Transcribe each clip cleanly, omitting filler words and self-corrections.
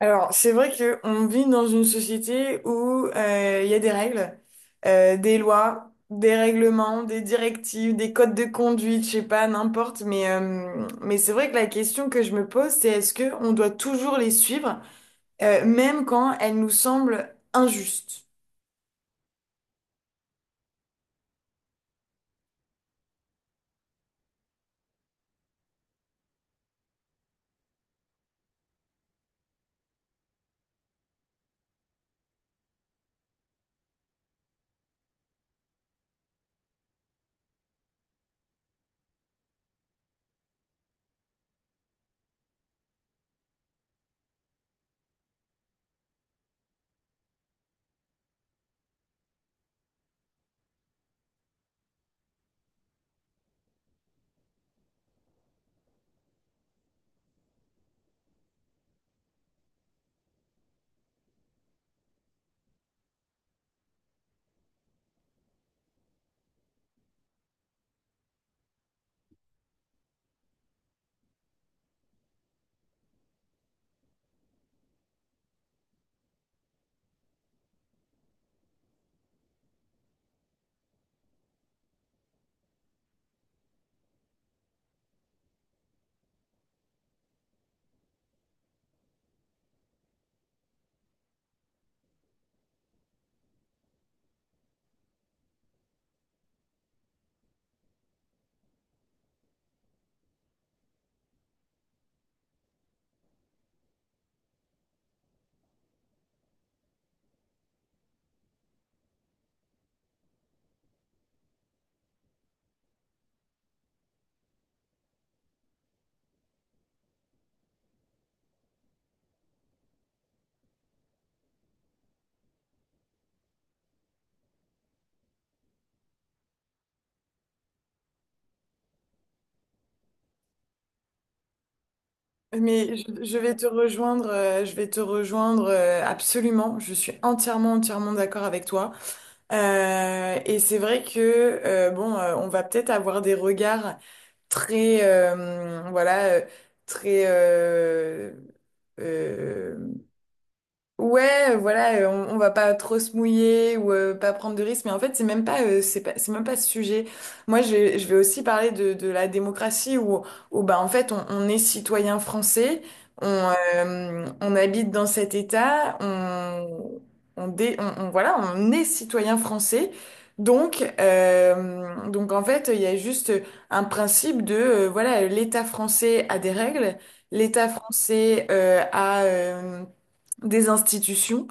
Alors, c'est vrai qu'on vit dans une société où il y a des règles, des lois, des règlements, des directives, des codes de conduite, je sais pas, n'importe. Mais c'est vrai que la question que je me pose, c'est est-ce qu'on doit toujours les suivre, même quand elles nous semblent injustes? Mais je vais te rejoindre, je vais te rejoindre absolument. Je suis entièrement, entièrement d'accord avec toi. Et c'est vrai que bon, on va peut-être avoir des regards très, voilà, très euh, ouais, voilà, on va pas trop se mouiller ou pas prendre de risques, mais en fait, c'est même pas, c'est même pas ce sujet. Moi, je vais aussi parler de la démocratie où bah, en fait, on est citoyen français, on habite dans cet État, on, dé- on- voilà, on est citoyen français. Donc en fait, il y a juste un principe voilà, l'État français a des règles, l'État français a... des institutions,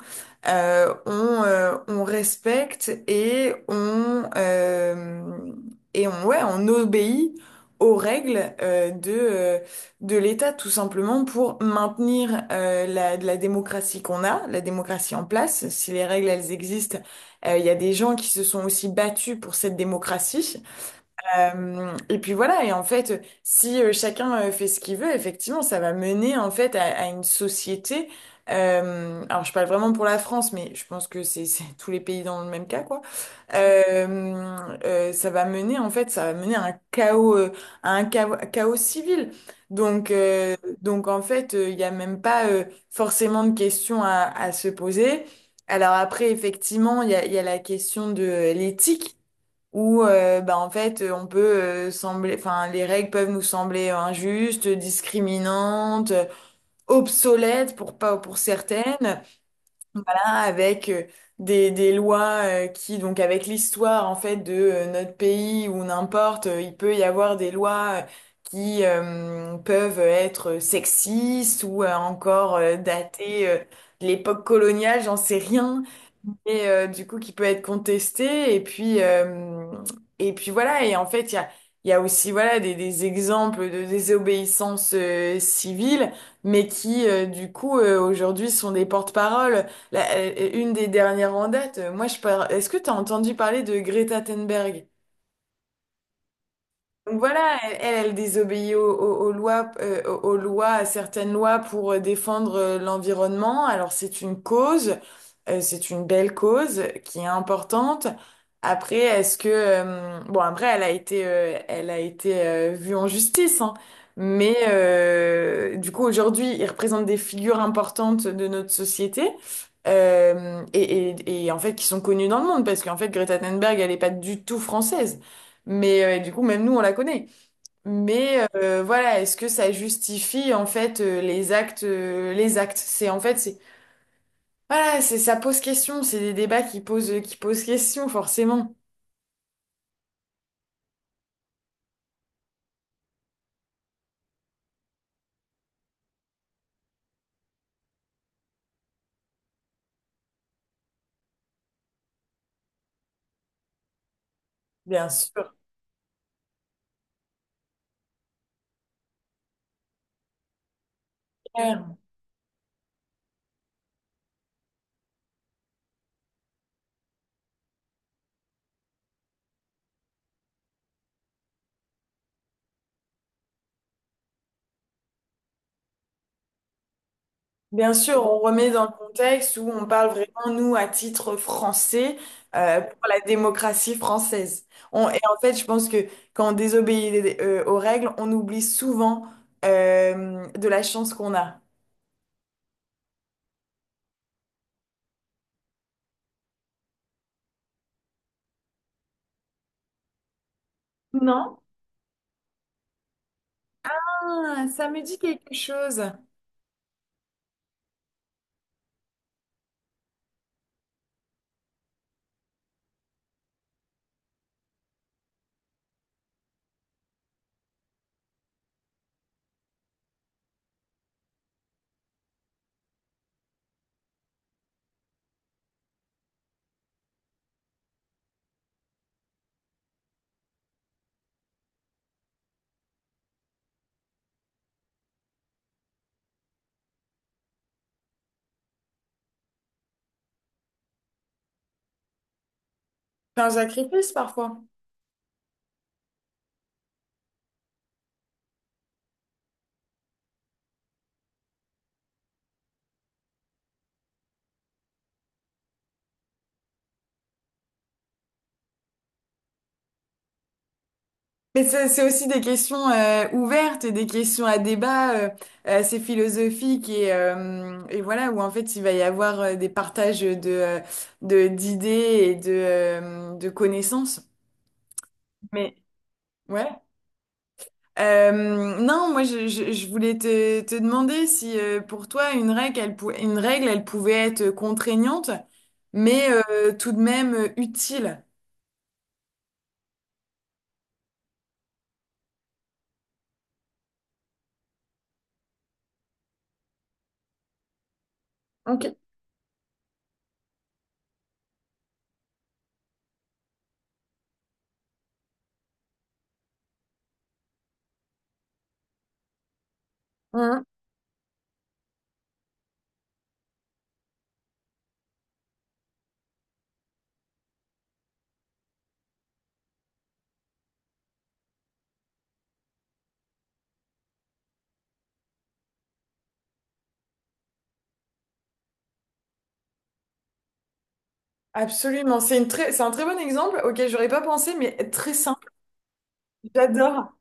euh, on, on respecte et ouais, on obéit aux règles de l'État, tout simplement pour maintenir la démocratie qu'on a, la démocratie en place. Si les règles, elles existent, il y a des gens qui se sont aussi battus pour cette démocratie. Et puis voilà, et en fait, si chacun fait ce qu'il veut, effectivement, ça va mener en fait à une société. Alors, je parle vraiment pour la France, mais je pense que c'est tous les pays dans le même cas, quoi. Euh, Ça va mener en fait, ça va mener à un chaos, chaos civil. Donc, euh, donc en fait, il n'y a même pas forcément de questions à se poser. Alors après, effectivement, il y a la question de l'éthique où bah, en fait on peut sembler enfin les règles peuvent nous sembler injustes, discriminantes, obsolètes pour pas pour certaines. Là, avec des lois qui donc avec l'histoire en fait de notre pays ou n'importe il peut y avoir des lois qui peuvent être sexistes ou encore datées de l'époque coloniale, j'en sais rien, et du coup qui peut être contesté et puis et puis voilà, et en fait il y a aussi voilà des exemples de désobéissance civile, mais qui du coup aujourd'hui sont des porte-parole. Une des dernières en date, moi je par... est-ce que tu as entendu parler de Greta Thunberg? Donc voilà, elle désobéit aux lois, aux lois, à certaines lois pour défendre l'environnement. Alors c'est une cause, c'est une belle cause qui est importante. Après, est-ce que bon après elle a été vue en justice, hein. Mais du coup aujourd'hui ils représentent des figures importantes de notre société. Et en fait qui sont connues dans le monde parce qu'en fait Greta Thunberg elle n'est pas du tout française. Mais du coup, même nous, on la connaît. Mais voilà, est-ce que ça justifie en fait les actes? C'est en fait, c'est voilà, c'est ça pose question. C'est des débats qui posent question forcément. Bien sûr. Bien sûr, on remet dans le contexte où on parle vraiment nous à titre français, pour la démocratie française. Et en fait, je pense que quand on désobéit aux règles, on oublie souvent de la chance qu'on a. Non? Ah, ça me dit quelque chose. Enfin, Jacques parfois. Mais c'est aussi des questions ouvertes, et des questions à débat, assez philosophiques et voilà, où en fait il va y avoir des partages d'idées de connaissances. Mais ouais. Non, moi je voulais te demander si pour toi une règle, une règle, elle pouvait être contraignante, mais tout de même utile. Ok. Absolument, c'est une très, c'est un très bon exemple auquel j'aurais pas pensé, mais très simple. J'adore.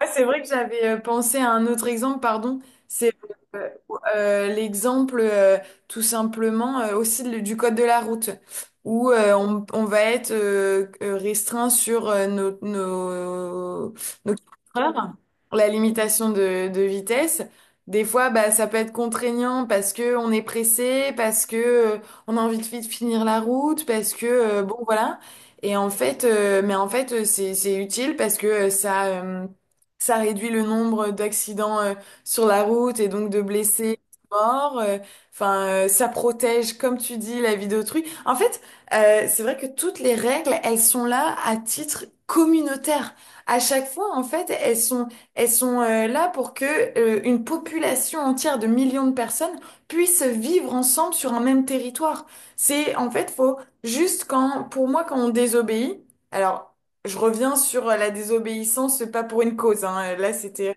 Ouais, c'est vrai que j'avais pensé à un autre exemple, pardon. C'est euh, l'exemple tout simplement aussi le- du code de la route, où on va être restreint sur nos, nos kilomètres heure, la limitation de vitesse. Des fois, bah, ça peut être contraignant parce que on est pressé, parce que euh, on a envie de vite finir la route, parce que bon voilà. Et en fait, c'est utile parce que ça réduit le nombre d'accidents sur la route et donc de blessés, morts. Enfin, ça protège, comme tu dis, la vie d'autrui. En fait, c'est vrai que toutes les règles, elles sont là à titre communautaire. À chaque fois, en fait, elles sont là pour que une population entière de millions de personnes puisse vivre ensemble sur un même territoire. C'est, en fait, faut juste quand, pour moi, quand on désobéit. Alors, je reviens sur la désobéissance, pas pour une cause, hein. Là, c'était.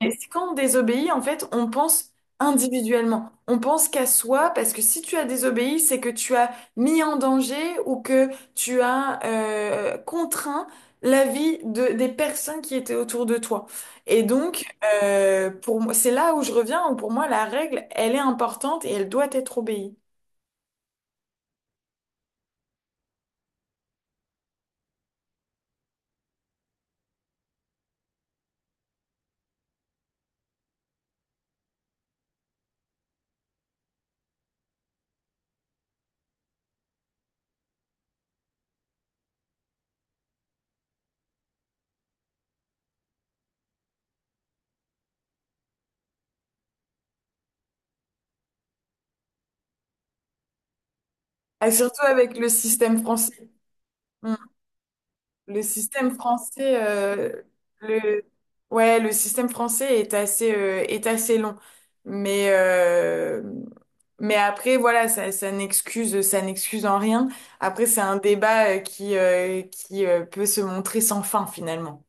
Et c'est quand on désobéit, en fait, on pense individuellement. On pense qu'à soi, parce que si tu as désobéi, c'est que tu as mis en danger ou que tu as contraint la vie des personnes qui étaient autour de toi. Et donc, pour moi, c'est là où je reviens, où pour moi, la règle, elle est importante et elle doit être obéie. Et surtout avec le système français. Le système français, le... ouais, le système français est assez long. Mais, euh, mais après, voilà, ça ça n'excuse en rien. Après, c'est un débat qui, qui peut se montrer sans fin, finalement.